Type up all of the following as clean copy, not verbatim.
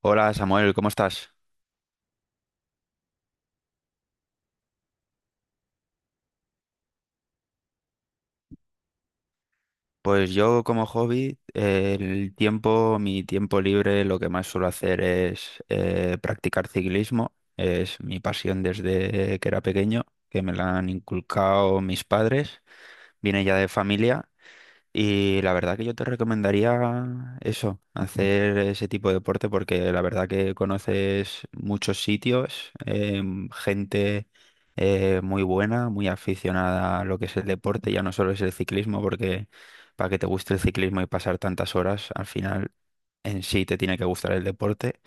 Hola Samuel, ¿cómo estás? Pues yo como hobby, el tiempo, mi tiempo libre, lo que más suelo hacer es practicar ciclismo. Es mi pasión desde que era pequeño, que me la han inculcado mis padres. Viene ya de familia. Y la verdad que yo te recomendaría eso, hacer ese tipo de deporte porque la verdad que conoces muchos sitios, gente muy buena, muy aficionada a lo que es el deporte, ya no solo es el ciclismo, porque para que te guste el ciclismo y pasar tantas horas, al final en sí te tiene que gustar el deporte.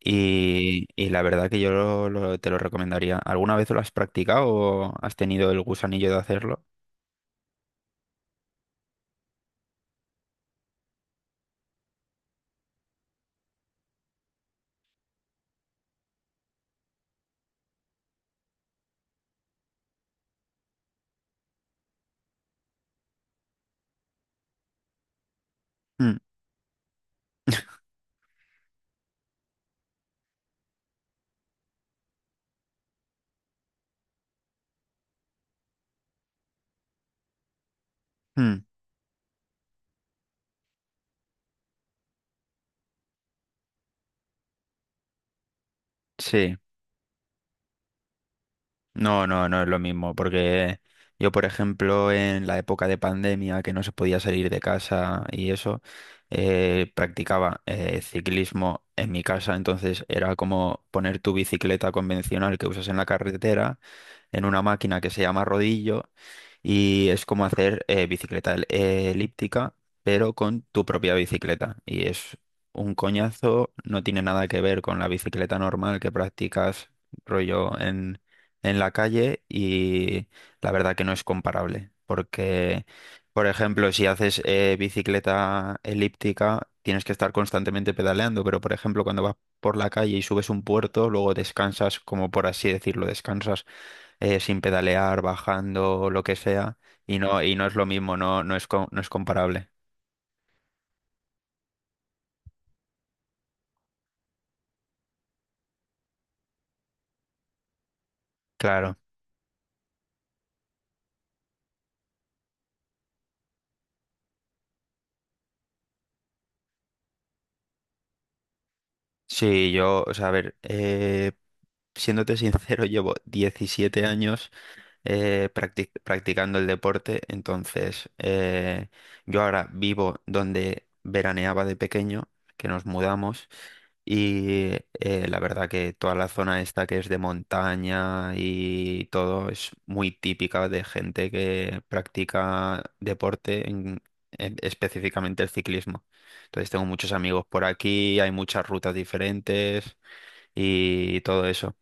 Y la verdad que yo te lo recomendaría. ¿Alguna vez lo has practicado o has tenido el gusanillo de hacerlo? Mm, mm, sí. No, no, no es lo mismo, porque yo, por ejemplo, en la época de pandemia, que no se podía salir de casa y eso, practicaba ciclismo en mi casa, entonces era como poner tu bicicleta convencional que usas en la carretera en una máquina que se llama rodillo y es como hacer bicicleta elíptica, pero con tu propia bicicleta. Y es un coñazo, no tiene nada que ver con la bicicleta normal que practicas rollo en la calle y la verdad que no es comparable, porque, por ejemplo, si haces bicicleta elíptica, tienes que estar constantemente pedaleando, pero, por ejemplo, cuando vas por la calle y subes un puerto, luego descansas, como por así decirlo, descansas sin pedalear, bajando, lo que sea, y no es lo mismo, no, no es, no es comparable. Claro. Sí, yo, o sea, a ver, siéndote sincero, llevo 17 años practicando el deporte. Entonces, yo ahora vivo donde veraneaba de pequeño, que nos mudamos. Y la verdad que toda la zona esta que es de montaña y todo es muy típica de gente que practica deporte, específicamente el ciclismo. Entonces tengo muchos amigos por aquí, hay muchas rutas diferentes y todo eso.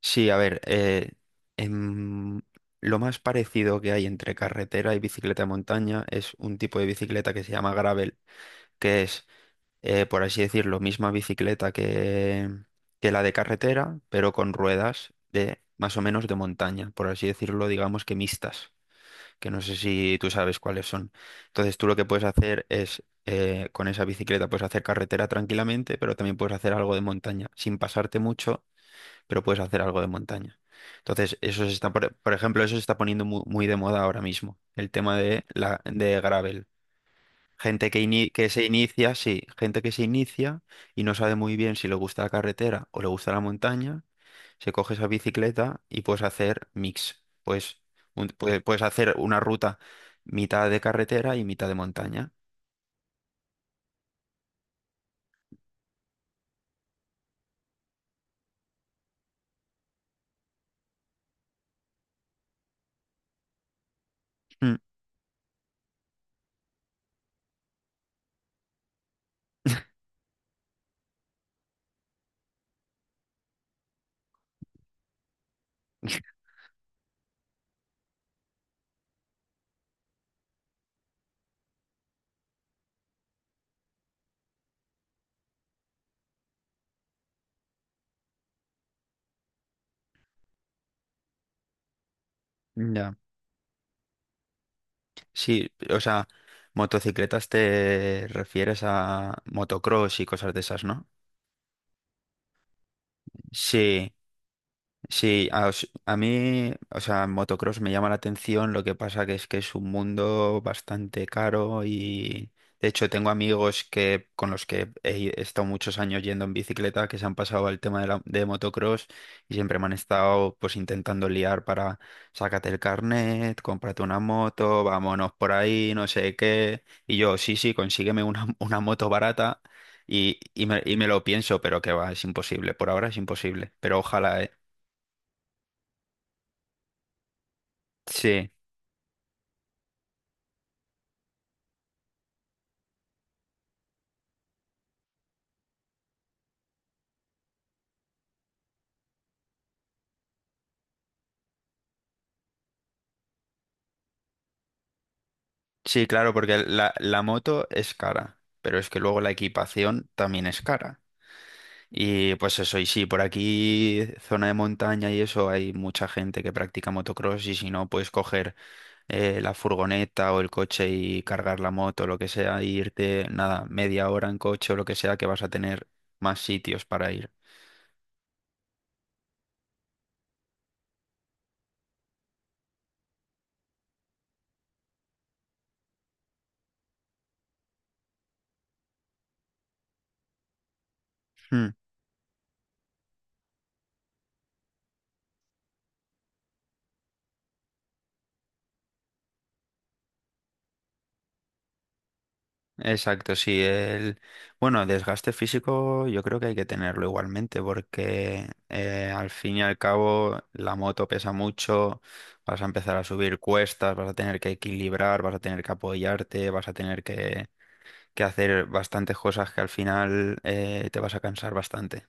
Sí, a ver, em, lo más parecido que hay entre carretera y bicicleta de montaña es un tipo de bicicleta que se llama gravel, que es, por así decirlo, misma bicicleta que la de carretera, pero con ruedas de más o menos de montaña, por así decirlo, digamos que mixtas, que no sé si tú sabes cuáles son. Entonces tú lo que puedes hacer es, con esa bicicleta puedes hacer carretera tranquilamente, pero también puedes hacer algo de montaña, sin pasarte mucho, pero puedes hacer algo de montaña. Entonces, eso se está, por ejemplo, eso se está poniendo muy de moda ahora mismo, el tema de la de gravel. Gente que, que se inicia, sí, gente que se inicia y no sabe muy bien si le gusta la carretera o le gusta la montaña, se coge esa bicicleta y puedes hacer mix. Pues puedes, puedes hacer una ruta mitad de carretera y mitad de montaña. Mm. Ya. Sí, o sea, motocicletas te refieres a motocross y cosas de esas, ¿no? Sí. Sí, a mí, o sea, motocross me llama la atención, lo que pasa que es un mundo bastante caro y de hecho tengo amigos que con los que he estado muchos años yendo en bicicleta que se han pasado al tema de, la, de motocross y siempre me han estado pues intentando liar para sácate el carnet, cómprate una moto, vámonos por ahí, no sé qué. Y yo, sí, sí, consígueme una, una moto barata. Y me lo pienso, pero que va, es imposible. Por ahora es imposible. Pero ojalá, ¿eh? Sí, sí, claro, porque la moto es cara, pero es que luego la equipación también es cara. Y pues eso, y sí, por aquí, zona de montaña y eso, hay mucha gente que practica motocross y si no, puedes coger la furgoneta o el coche y cargar la moto, lo que sea, e irte, nada, media hora en coche o lo que sea, que vas a tener más sitios para ir. Exacto, sí. El... Bueno, desgaste físico yo creo que hay que tenerlo igualmente porque al fin y al cabo la moto pesa mucho, vas a empezar a subir cuestas, vas a tener que equilibrar, vas a tener que apoyarte, vas a tener que hacer bastantes cosas que al final te vas a cansar bastante.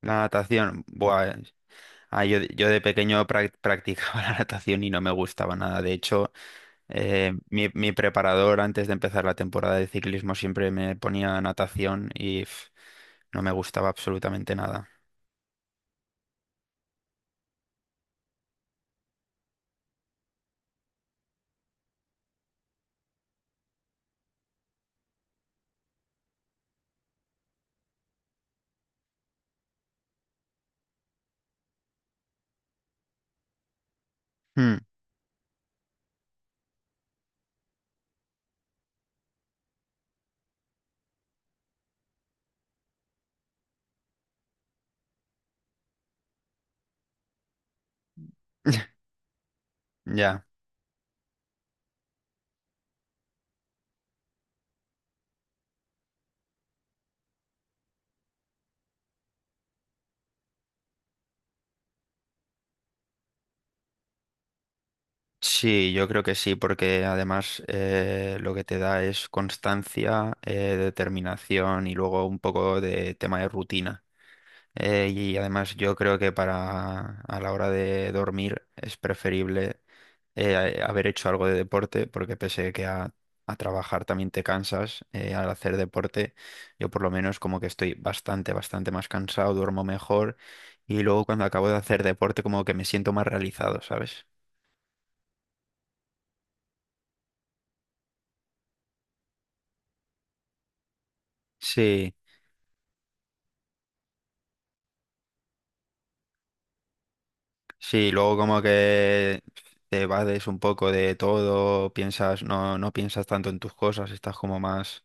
La natación, buah, yo, yo de pequeño practicaba la natación y no me gustaba nada. De hecho... mi, mi preparador antes de empezar la temporada de ciclismo siempre me ponía natación y pf, no me gustaba absolutamente nada. Hmm, ya. Sí, yo creo que sí, porque además lo que te da es constancia, determinación y luego un poco de tema de rutina. Y además yo creo que para a la hora de dormir es preferible haber hecho algo de deporte, porque pese que a trabajar también te cansas, al hacer deporte yo por lo menos como que estoy bastante, bastante más cansado, duermo mejor y luego cuando acabo de hacer deporte como que me siento más realizado, ¿sabes? Sí. Sí, luego como que te vades un poco de todo, piensas, no, no piensas tanto en tus cosas, estás como más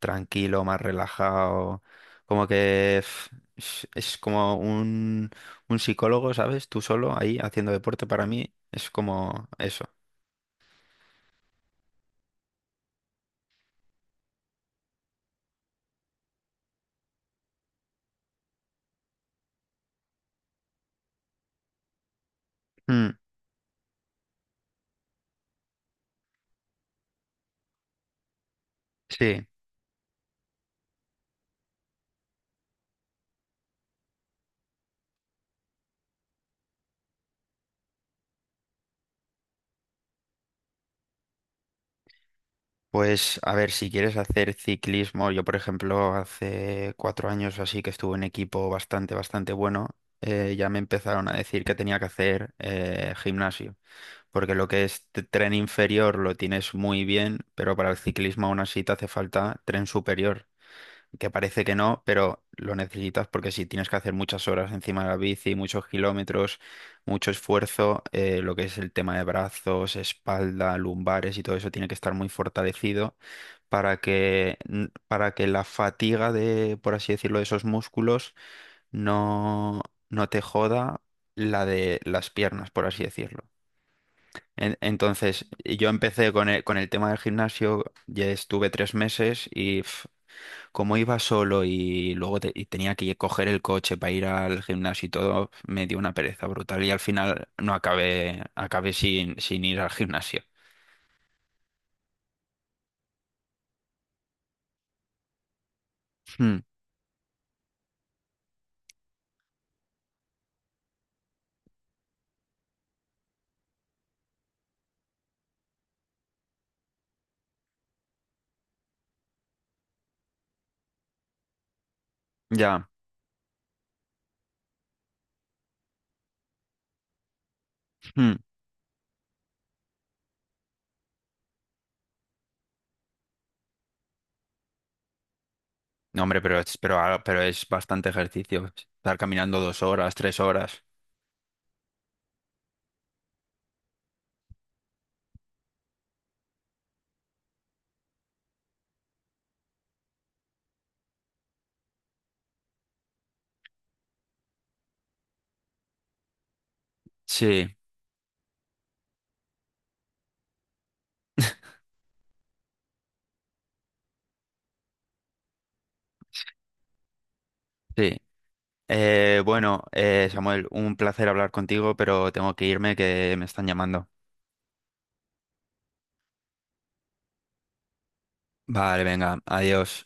tranquilo, más relajado, como que es como un psicólogo, ¿sabes? Tú solo ahí haciendo deporte para mí es como eso. Mm, sí. Pues a ver, si quieres hacer ciclismo, yo por ejemplo hace 4 años o así que estuve en equipo bastante, bastante bueno, ya me empezaron a decir que tenía que hacer gimnasio, porque lo que es tren inferior lo tienes muy bien, pero para el ciclismo aún así te hace falta tren superior, que parece que no, pero lo necesitas porque si tienes que hacer muchas horas encima de la bici, muchos kilómetros, mucho esfuerzo, lo que es el tema de brazos, espalda, lumbares y todo eso tiene que estar muy fortalecido para que, para que la fatiga de, por así decirlo, de esos músculos no, no te joda la de las piernas, por así decirlo. Entonces, yo empecé con el tema del gimnasio, ya estuve 3 meses y pf, como iba solo y luego y tenía que coger el coche para ir al gimnasio y todo, me dio una pereza brutal y al final no acabé, acabé sin, sin ir al gimnasio. Hmm, ya. No, hombre, pero es, pero, ah, pero es bastante ejercicio. Estar caminando 2 horas, 3 horas. Sí, sí. Bueno, Samuel, un placer hablar contigo, pero tengo que irme que me están llamando. Vale, venga, adiós.